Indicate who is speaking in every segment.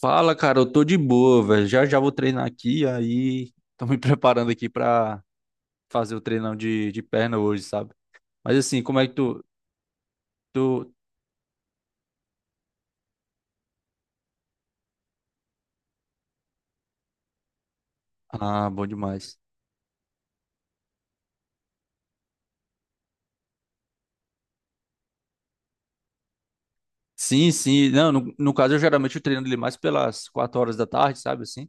Speaker 1: Fala, cara, eu tô de boa, velho. Já vou treinar aqui, aí tô me preparando aqui pra fazer o treinão de perna hoje, sabe? Mas assim, como é que tu... Ah, bom demais. Sim, sim. Não, no caso, eu geralmente eu treino ele mais pelas 4 horas da tarde, sabe assim?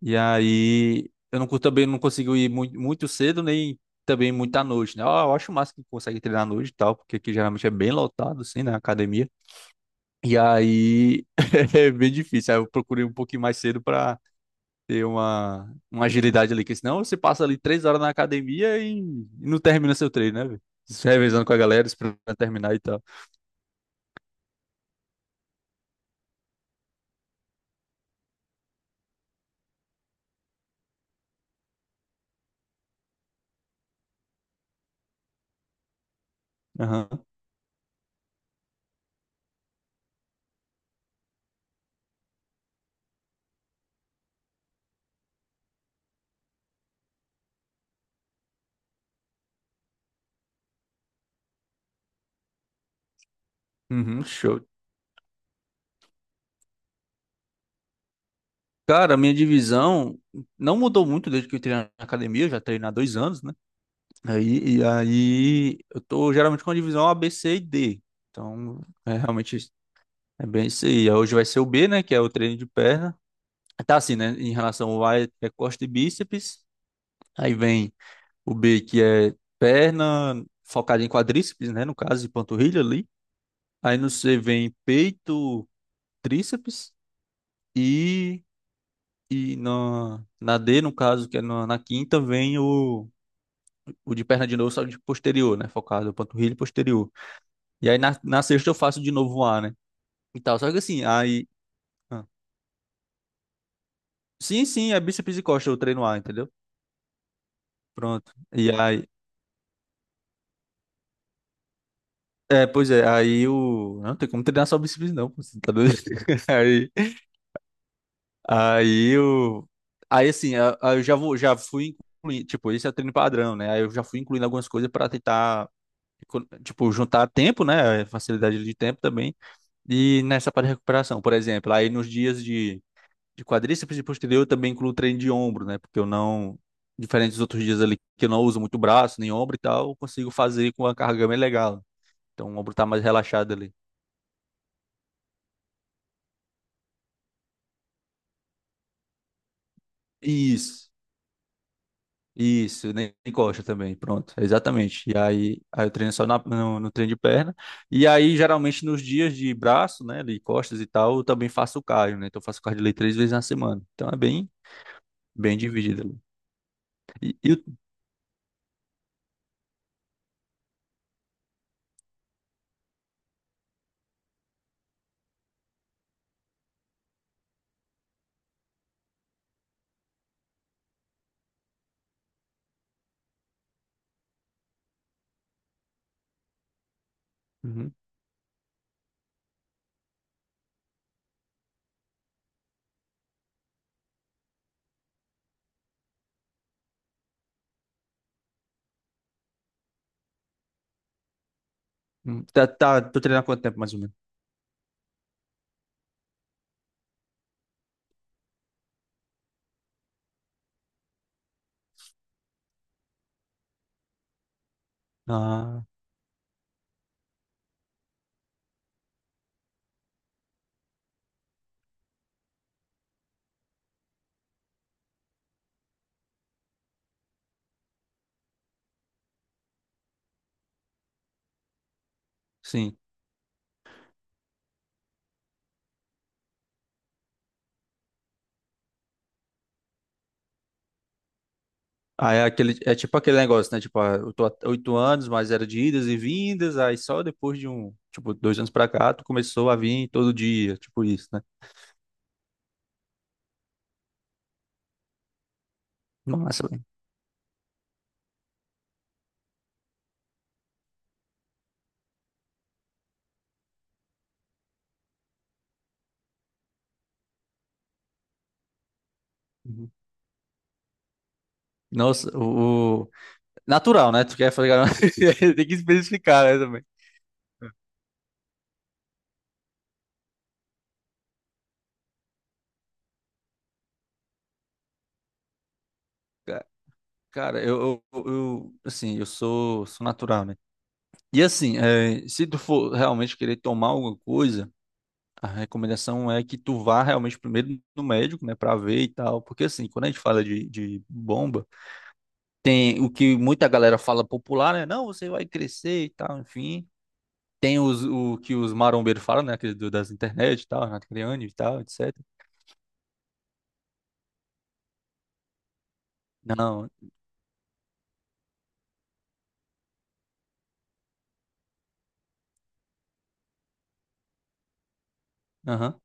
Speaker 1: E aí eu não, também não consigo ir muito cedo, nem também muito à noite, né? Eu acho massa que consegue treinar à noite e tal, porque aqui geralmente é bem lotado, assim, na academia. E aí é bem difícil. Aí eu procurei um pouquinho mais cedo pra ter uma agilidade ali, que senão você passa ali 3 horas na academia e não termina seu treino, né, velho? Se revezando com a galera, esperando terminar e tal. Aham. Uhum, show. Cara, a minha divisão não mudou muito desde que eu entrei na academia, eu já treino há 2 anos, né? Aí, e aí eu tô geralmente com a divisão A, B, C e D. Então, é realmente isso. É bem isso aí. Hoje vai ser o B, né? Que é o treino de perna. Tá assim, né? Em relação ao A, é costa e bíceps. Aí vem o B, que é perna, focada em quadríceps, né? No caso, e panturrilha ali. Aí no C vem peito, tríceps. E, na D, no caso, que é na quinta, vem o de perna de novo, só de posterior, né? Focado em panturrilha e posterior. E aí na sexta eu faço de novo o A, né? E tal. Só que assim, aí. ah, Sim, sim, é bíceps e costa, eu treino A, entendeu? Pronto. E aí. É, pois é, aí o. Não tem como treinar só bíceps, não. Você tá doido? Aí. Aí eu. Aí assim, eu já vou, já fui incluindo, tipo, esse é o treino padrão, né? Aí eu já fui incluindo algumas coisas para tentar, tipo, juntar tempo, né? Facilidade de tempo também. E nessa parte de recuperação, por exemplo, aí nos dias de quadríceps e posterior eu também incluo treino de ombro, né? Porque eu não, diferente dos outros dias ali que eu não uso muito braço, nem ombro e tal, eu consigo fazer com a carga bem legal. Então o ombro tá mais relaxado ali. Isso. Isso, nem coxa também, pronto, exatamente. E aí, aí eu treino só no treino de perna. E aí, geralmente, nos dias de braço, né, de costas e tal, eu também faço cardio, né? Então, eu faço cardio ali 3 vezes na semana. Então, é bem, bem dividido ali. E, e o- Uhum. Uhum. Tá, tá, tô treinando há quanto tempo, mais ou menos? Ah, sim. Aí é aquele, é tipo aquele negócio, né? Tipo, ah, eu tô há 8 anos, mas era de idas e vindas, aí só depois de um, tipo, 2 anos pra cá, tu começou a vir todo dia, tipo isso, né? Massa, velho. Nossa, natural, né? Tu quer falar. Tem que especificar, né, também. Ca- Cara, assim, eu sou natural, né? E assim, é, se tu for realmente querer tomar alguma coisa, a recomendação é que tu vá realmente primeiro no médico, né, pra ver e tal. Porque assim, quando a gente fala de bomba, tem o que muita galera fala popular, né? Não, você vai crescer e tal, enfim. Tem os, o que os marombeiros falam, né? Aquele das internet e tal, Renato Criani e tal, etc. Não. Aham.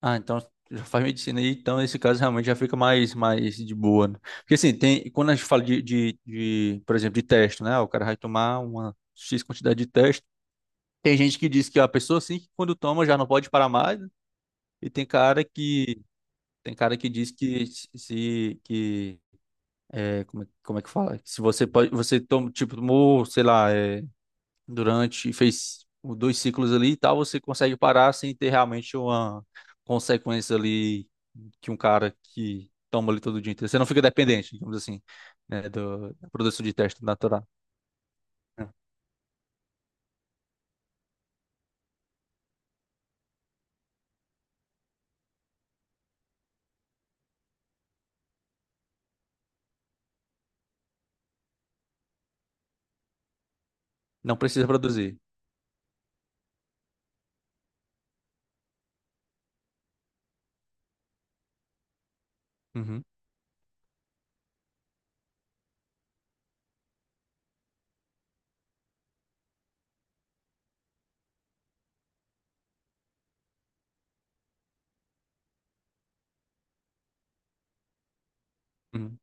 Speaker 1: Ah, então já faz medicina aí, então nesse caso realmente já fica mais, mais de boa, né? Porque assim, tem, quando a gente fala de, por exemplo, de teste, né? O cara vai tomar uma X quantidade de teste. Tem gente que diz que a pessoa assim, que quando toma já não pode parar mais, né? E tem cara que diz que se que é, como, como é que fala? Que se você pode, você toma, tipo, tomou, sei lá, é, durante, fez 2 ciclos ali e tal, você consegue parar sem ter realmente uma consequência ali que um cara que toma ali todo dia inteiro. Você não fica dependente, digamos assim, né, da produção de teste natural. Né? Não precisa produzir. Uhum, uhum.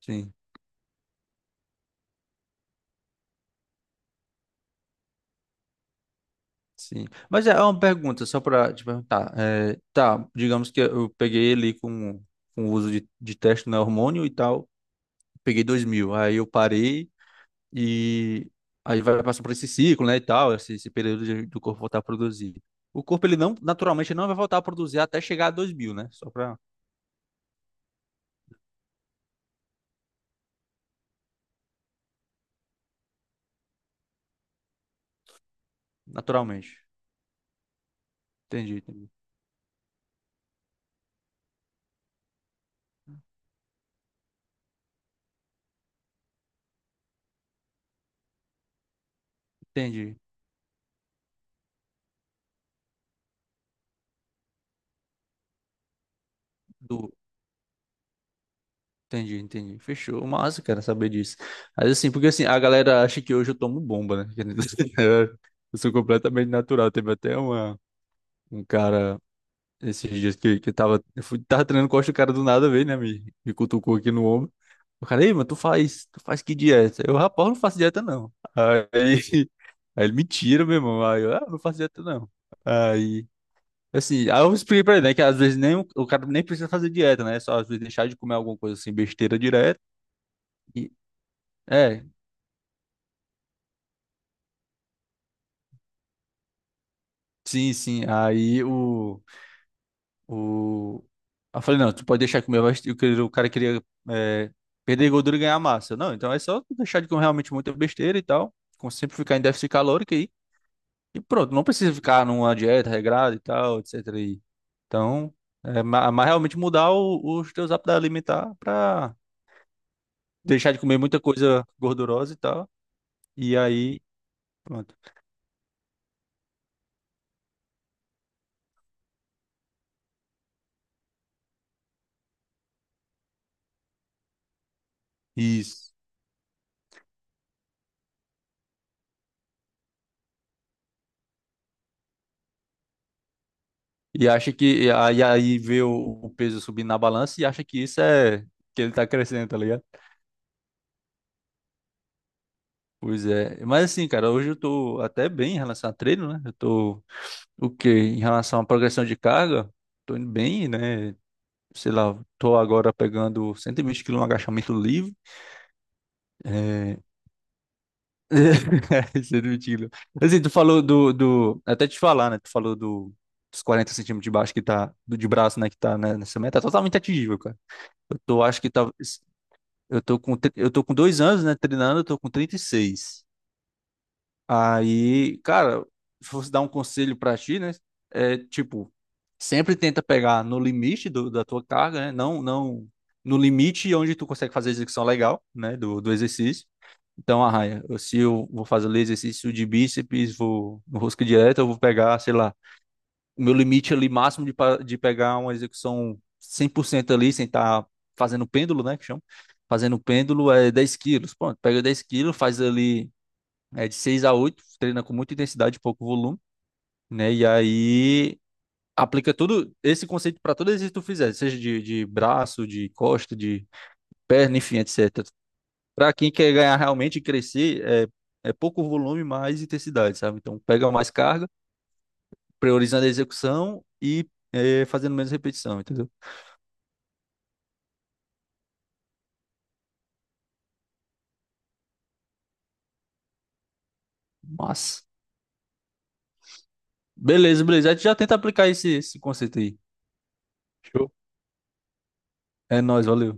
Speaker 1: Sim, sim. Mas é uma pergunta, só para te perguntar. É, tá, digamos que eu peguei ele com o uso de teste no hormônio e tal, peguei 2.000, aí eu parei. E aí vai passar por esse ciclo, né, e tal, esse período do corpo voltar a produzir. O corpo, ele não, naturalmente, não vai voltar a produzir até chegar a 2.000, né? Só pra, naturalmente. Entendi, entendi. Entendi. Du- Entendi, entendi. Fechou. Massa, cara, saber disso. Mas assim, porque assim, a galera acha que hoje eu tomo bomba, né? Eu sou completamente natural. Teve até uma, um cara esses dias que eu tava, eu fui, tava treinando costa, o cara do nada veio, né? Me cutucou aqui no ombro. O cara, ei, mas tu faz que dieta? Eu, rapaz, eu não faço dieta, não. Aí, aí ele me tira, meu irmão. Aí eu, ah, não faço dieta, não. Aí, assim, aí eu expliquei pra ele, né? Que às vezes nem, o cara nem precisa fazer dieta, né? Só às vezes deixar de comer alguma coisa assim, besteira direto. E, é, sim, sim. Aí o. O... Aí eu falei, não, tu pode deixar de comer meu vai... O cara queria é, perder gordura e ganhar massa. Eu, não, então é só tu deixar de comer realmente muita besteira e tal. Sempre ficar em déficit calórico aí. E pronto, não precisa ficar numa dieta regrada e tal, etc. E... Então, é, mas realmente mudar os teus hábitos alimentar pra deixar de comer muita coisa gordurosa e tal. E aí, pronto. Isso. E acha que... E aí aí vê o peso subindo na balança e acha que isso é... Que ele tá crescendo, tá ligado? Pois é, mas assim, cara, hoje eu tô até bem em relação a treino, né? Eu tô o quê? Em relação à progressão de carga, tô indo bem, né? Sei lá, tô agora pegando 120 quilos no agachamento livre. É... 120 quilos. Assim, tu falou do. Até te falar, né? Tu falou dos 40 centímetros de baixo que tá. Do de braço, né? Que tá né, nessa meta. Tá totalmente atingível, cara. Eu tô, acho que tá. Eu tô com, eu tô com 2 anos, né? Treinando, eu tô com 36. Aí, cara, se fosse dar um conselho pra ti, né? É tipo, sempre tenta pegar no limite da tua carga, né? Não, não no limite onde tu consegue fazer a execução legal, né? Do exercício. Então, arranha. Se eu vou fazer ali exercício de bíceps, vou no rosca direta, eu vou pegar, sei lá, o meu limite ali máximo de, de pegar uma execução 100% ali, sem estar fazendo pêndulo, né? Que chama. Fazendo pêndulo é 10 quilos. Pronto, pega 10 quilos, faz ali. É de 6 a 8, treina com muita intensidade, e pouco volume, né? E aí aplica todo esse conceito para todo exercício que tu fizer, seja de braço, de costa, de perna, enfim, etc. Para quem quer ganhar realmente e crescer, é, é pouco volume, mais intensidade, sabe? Então pega mais carga, priorizando a execução e é, fazendo menos repetição, entendeu? Mas, beleza, beleza. A gente já tenta aplicar esse, esse conceito aí. Show. É nóis, valeu.